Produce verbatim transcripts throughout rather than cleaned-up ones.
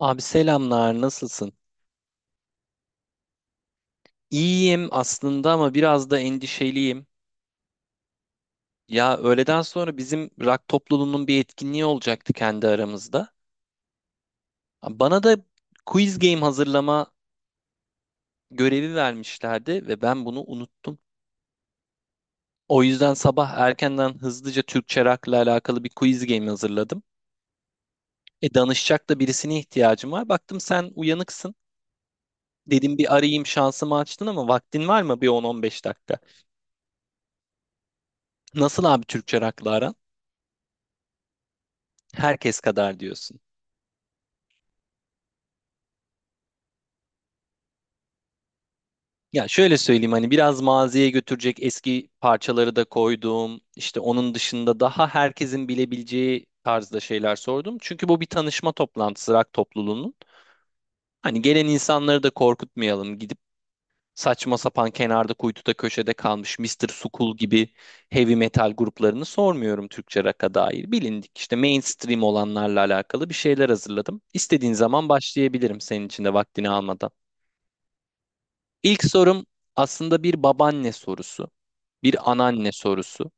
Abi selamlar, nasılsın? İyiyim aslında ama biraz da endişeliyim. Ya öğleden sonra bizim rock topluluğunun bir etkinliği olacaktı kendi aramızda. Bana da quiz game hazırlama görevi vermişlerdi ve ben bunu unuttum. O yüzden sabah erkenden hızlıca Türkçe rock'la alakalı bir quiz game hazırladım. E danışacak da birisine ihtiyacım var. Baktım sen uyanıksın. Dedim bir arayayım şansımı açtın ama vaktin var mı bir on on beş dakika? Nasıl abi Türkçe rock'la aran? Herkes kadar diyorsun. Ya şöyle söyleyeyim hani biraz maziye götürecek eski parçaları da koydum. İşte onun dışında daha herkesin bilebileceği tarzda şeyler sordum. Çünkü bu bir tanışma toplantısı rock topluluğunun. Hani gelen insanları da korkutmayalım. Gidip saçma sapan kenarda kuytuda köşede kalmış Mister Sukul gibi heavy metal gruplarını sormuyorum Türkçe rock'a dair. Bilindik işte mainstream olanlarla alakalı bir şeyler hazırladım. İstediğin zaman başlayabilirim senin için de vaktini almadan. İlk sorum aslında bir babaanne sorusu. Bir anneanne sorusu.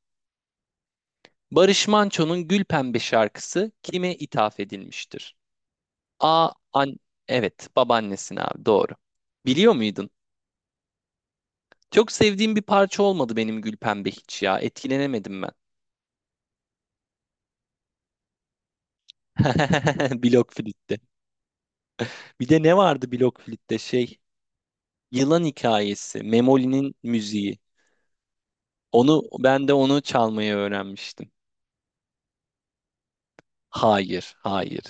Barış Manço'nun Gül Pembe şarkısı kime ithaf edilmiştir? A. An evet, babaannesine abi doğru. Biliyor muydun? Çok sevdiğim bir parça olmadı benim Gül Pembe hiç ya. Etkilenemedim ben. Blok flütte. Bir de ne vardı blok flütte şey? Yılan hikayesi. Memoli'nin müziği. Onu ben de onu çalmayı öğrenmiştim. Hayır, hayır.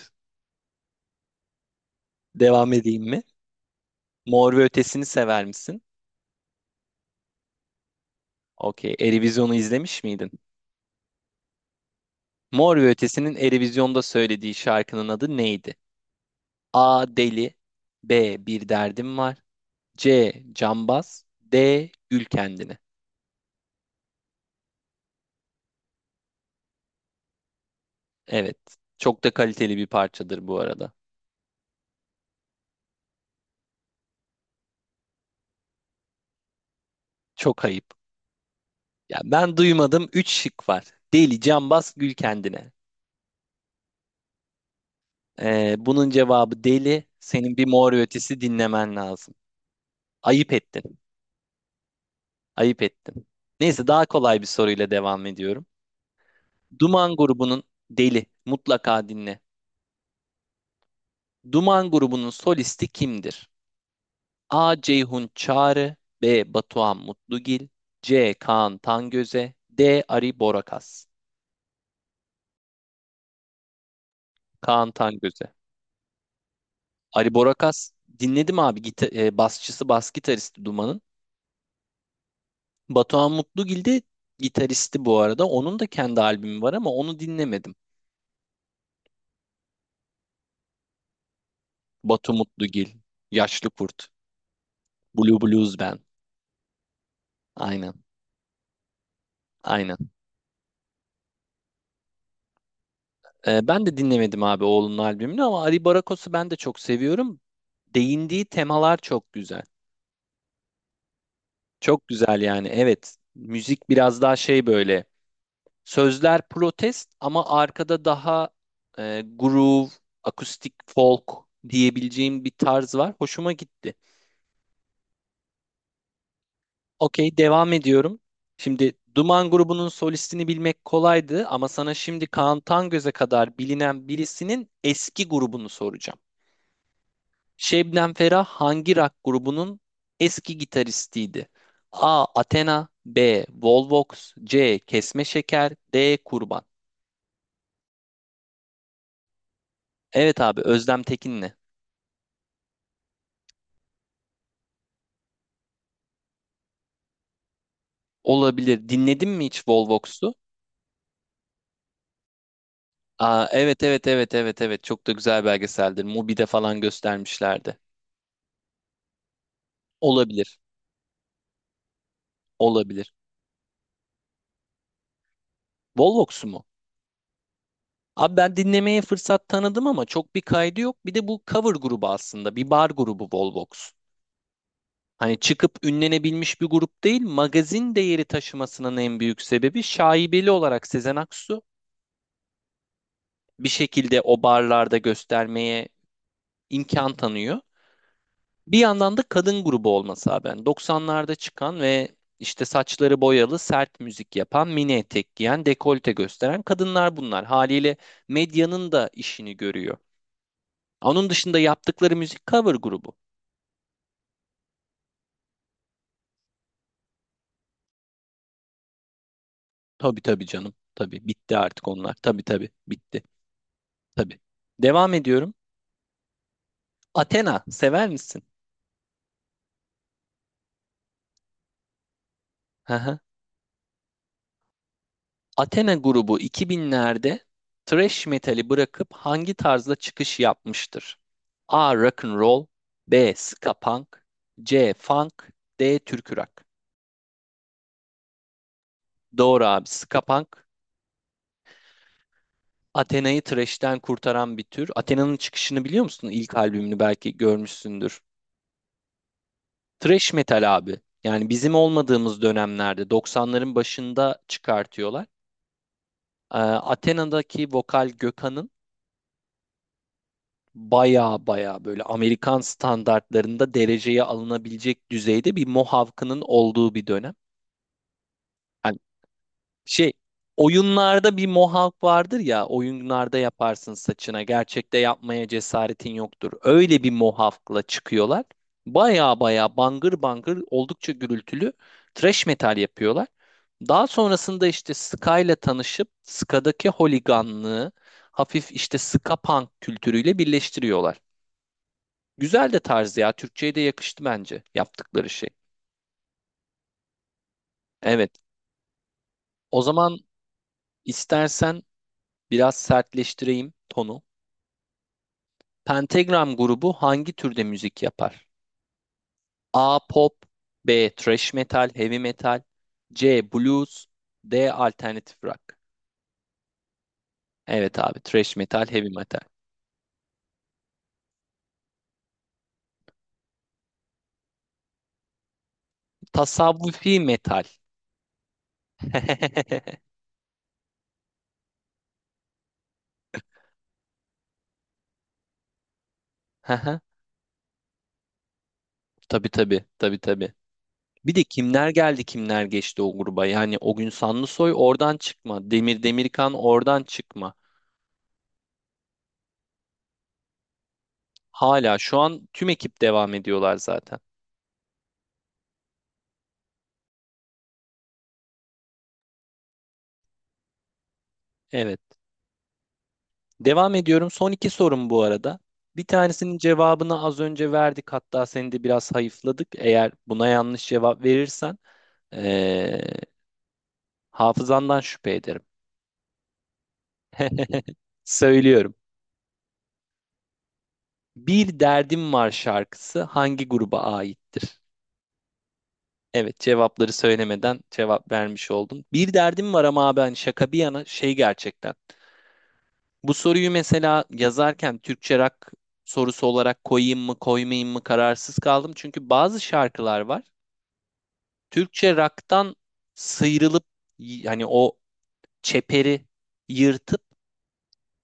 Devam edeyim mi? Mor ve Ötesi'ni sever misin? Okey. Eurovision'u izlemiş miydin? Mor ve Ötesi'nin Eurovision'da söylediği şarkının adı neydi? A. Deli B. Bir derdim var C. Cambaz D. Gül kendine. Evet. Çok da kaliteli bir parçadır bu arada. Çok ayıp. Ya ben duymadım. Üç şık var. Deli, Cambaz, Gül kendine. Ee, bunun cevabı deli. Senin bir Mor ve Ötesi dinlemen lazım. Ayıp ettin. Ayıp ettin. Neyse daha kolay bir soruyla devam ediyorum. Duman grubunun Deli mutlaka dinle. Duman grubunun solisti kimdir? A. Ceyhun Çağrı B. Batuhan Mutlugil C. Kaan Tangöze D. Ari Borakas. Kaan Tangöze. Ari Borakas dinledim abi gita- e, basçısı bas gitaristi Duman'ın. Batuhan Mutlugil de gitaristi bu arada. Onun da kendi albümü var ama onu dinlemedim. Batu Mutlugil, Yaşlı Kurt, Blue Blues Band. Aynen, aynen. Ee, ben de dinlemedim abi oğlunun albümünü ama Ari Barakos'u ben de çok seviyorum. Değindiği temalar çok güzel. Çok güzel yani evet. Müzik biraz daha şey böyle. Sözler protest ama arkada daha e, groove, akustik folk diyebileceğim bir tarz var. Hoşuma gitti. Okey devam ediyorum. Şimdi Duman grubunun solistini bilmek kolaydı ama sana şimdi Kaan Tangöz'e kadar bilinen birisinin eski grubunu soracağım. Şebnem Ferah hangi rock grubunun eski gitaristiydi? A. Athena B. Volvox C. Kesme Şeker D. Kurban. Evet abi Özlem Tekin'le. Olabilir. Dinledin mi hiç Volvox'u? Aa, evet evet evet evet evet çok da güzel belgeseldir. Mubi'de falan göstermişlerdi. Olabilir. Olabilir. Volvox'u mu? Abi ben dinlemeye fırsat tanıdım ama çok bir kaydı yok. Bir de bu cover grubu aslında. Bir bar grubu Volvox. Hani çıkıp ünlenebilmiş bir grup değil, magazin değeri taşımasının en büyük sebebi şaibeli olarak Sezen Aksu bir şekilde o barlarda göstermeye imkan tanıyor. Bir yandan da kadın grubu olması abi. Yani doksanlarda çıkan ve işte saçları boyalı, sert müzik yapan, mini etek giyen, dekolte gösteren kadınlar bunlar. Haliyle medyanın da işini görüyor. Onun dışında yaptıkları müzik cover grubu. Tabii tabii canım. Tabii bitti artık onlar. Tabii tabii bitti. Tabii. Devam ediyorum. Athena sever misin? Hı hı. Athena grubu iki binlerde thrash metali bırakıp hangi tarzda çıkış yapmıştır? A. Rock and roll, B. Ska punk, C. Funk, D. Türkü rock. Doğru abi. Ska punk Athena'yı thrash'ten kurtaran bir tür. Athena'nın çıkışını biliyor musun? İlk albümünü belki görmüşsündür. Thrash metal abi. Yani bizim olmadığımız dönemlerde doksanların başında çıkartıyorlar. Ee, Athena'daki vokal Gökhan'ın baya baya böyle Amerikan standartlarında dereceye alınabilecek düzeyde bir Mohawk'ının olduğu bir dönem. Hani şey oyunlarda bir Mohawk vardır ya oyunlarda yaparsın saçına gerçekte yapmaya cesaretin yoktur. Öyle bir Mohawk'la çıkıyorlar. Baya baya bangır bangır oldukça gürültülü thrash metal yapıyorlar. Daha sonrasında işte Ska'yla tanışıp Ska'daki holiganlığı hafif işte Ska punk kültürüyle birleştiriyorlar. Güzel de tarzı ya. Türkçe'ye de yakıştı bence yaptıkları şey. Evet. O zaman istersen biraz sertleştireyim tonu. Pentagram grubu hangi türde müzik yapar? A. Pop B. Thrash metal, heavy metal C. Blues D. Alternatif rock. Evet abi. Thrash metal, heavy metal. Tasavvufi metal. Haha. Tabii tabii. Tabii tabii. Bir de kimler geldi kimler geçti o gruba. Yani o gün Sanlısoy oradan çıkma. Demir Demirkan oradan çıkma. Hala şu an tüm ekip devam ediyorlar zaten. Evet. Devam ediyorum. Son iki sorum bu arada. Bir tanesinin cevabını az önce verdik. Hatta seni de biraz hayıfladık. Eğer buna yanlış cevap verirsen ee, hafızandan şüphe ederim. Söylüyorum. Bir Derdim Var şarkısı hangi gruba aittir? Evet cevapları söylemeden cevap vermiş oldum. Bir derdim var ama abi hani şaka bir yana şey gerçekten. Bu soruyu mesela yazarken Türkçe rock sorusu olarak koyayım mı koymayayım mı kararsız kaldım. Çünkü bazı şarkılar var. Türkçe rock'tan sıyrılıp y- hani o çeperi yırtıp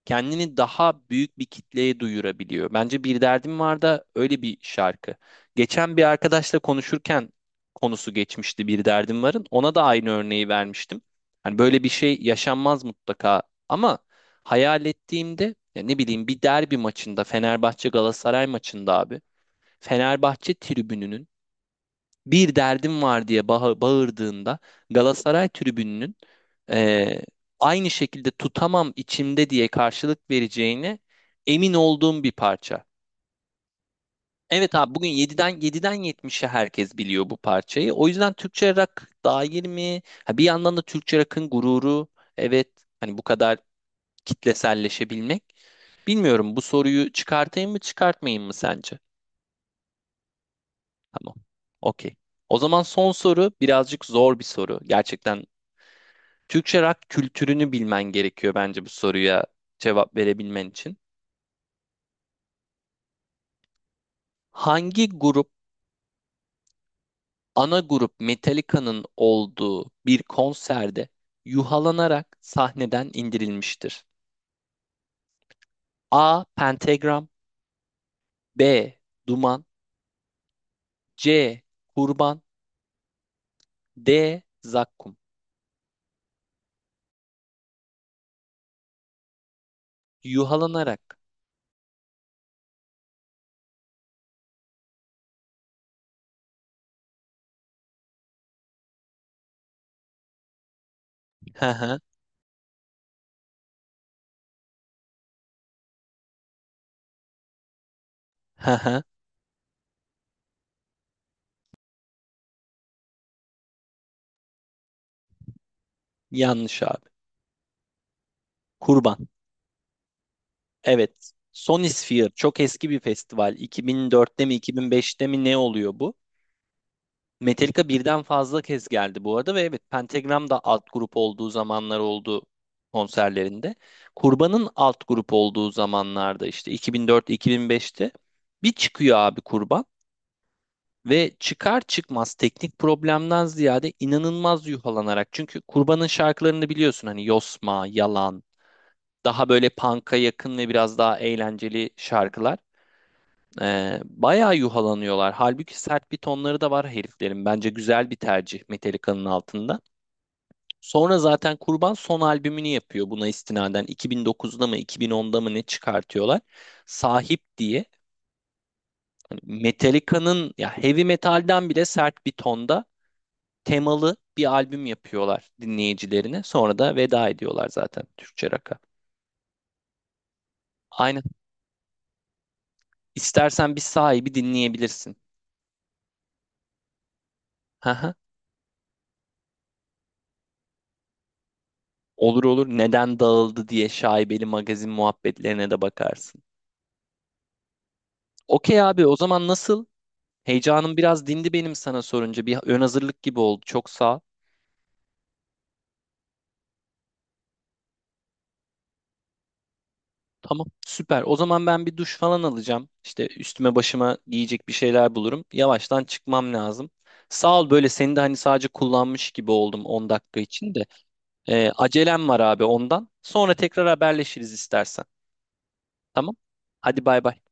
kendini daha büyük bir kitleye duyurabiliyor. Bence Bir Derdim Var da öyle bir şarkı. Geçen bir arkadaşla konuşurken konusu geçmişti Bir Derdim Var'ın. Ona da aynı örneği vermiştim. Hani böyle bir şey yaşanmaz mutlaka ama hayal ettiğimde ya ne bileyim bir derbi maçında Fenerbahçe Galatasaray maçında abi Fenerbahçe tribününün bir derdim var diye bağı- bağırdığında Galatasaray tribününün eee, aynı şekilde tutamam içimde diye karşılık vereceğine emin olduğum bir parça. Evet abi bugün yediden yediden yetmişe herkes biliyor bu parçayı. O yüzden Türkçe rock dair mi? Ha, bir yandan da Türkçe rock'ın gururu. Evet hani bu kadar kitleselleşebilmek. Bilmiyorum bu soruyu çıkartayım mı çıkartmayayım mı sence? Tamam. Okey. O zaman son soru birazcık zor bir soru. Gerçekten Türkçe rock kültürünü bilmen gerekiyor bence bu soruya cevap verebilmen için. Hangi grup, ana grup Metallica'nın olduğu bir konserde yuhalanarak sahneden indirilmiştir? A. Pentagram B. Duman C. Kurban D. Zakkum. Yuhalanarak. Hı hı, hı hı. Yanlış abi. Kurban. Evet. Sonisphere çok eski bir festival. iki bin dörtte mi iki bin beşte mi ne oluyor bu? Metallica birden fazla kez geldi bu arada ve evet Pentagram da alt grup olduğu zamanlar oldu konserlerinde. Kurban'ın alt grup olduğu zamanlarda işte iki bin dört iki bin beşte bir çıkıyor abi Kurban ve çıkar çıkmaz teknik problemden ziyade inanılmaz yuhalanarak çünkü Kurban'ın şarkılarını biliyorsun hani Yosma, Yalan daha böyle punk'a yakın ve biraz daha eğlenceli şarkılar. Ee, bayağı yuhalanıyorlar. Halbuki sert bir tonları da var heriflerin. Bence güzel bir tercih Metallica'nın altında. Sonra zaten Kurban son albümünü yapıyor buna istinaden. iki bin dokuzda mı iki bin onda mı ne çıkartıyorlar? Sahip diye. Hani Metallica'nın ya heavy metalden bile sert bir tonda temalı bir albüm yapıyorlar dinleyicilerine. Sonra da veda ediyorlar zaten Türkçe rock'a. Aynen. İstersen bir sahibi dinleyebilirsin. Olur olur neden dağıldı diye şaibeli magazin muhabbetlerine de bakarsın. Okey abi o zaman nasıl? Heyecanım biraz dindi benim sana sorunca. Bir ön hazırlık gibi oldu. Çok sağ ol. Tamam süper. O zaman ben bir duş falan alacağım. İşte üstüme başıma giyecek bir şeyler bulurum. Yavaştan çıkmam lazım. Sağ ol böyle seni de hani sadece kullanmış gibi oldum on dakika için de. Ee, acelem var abi ondan. Sonra tekrar haberleşiriz istersen. Tamam? Hadi bay bay.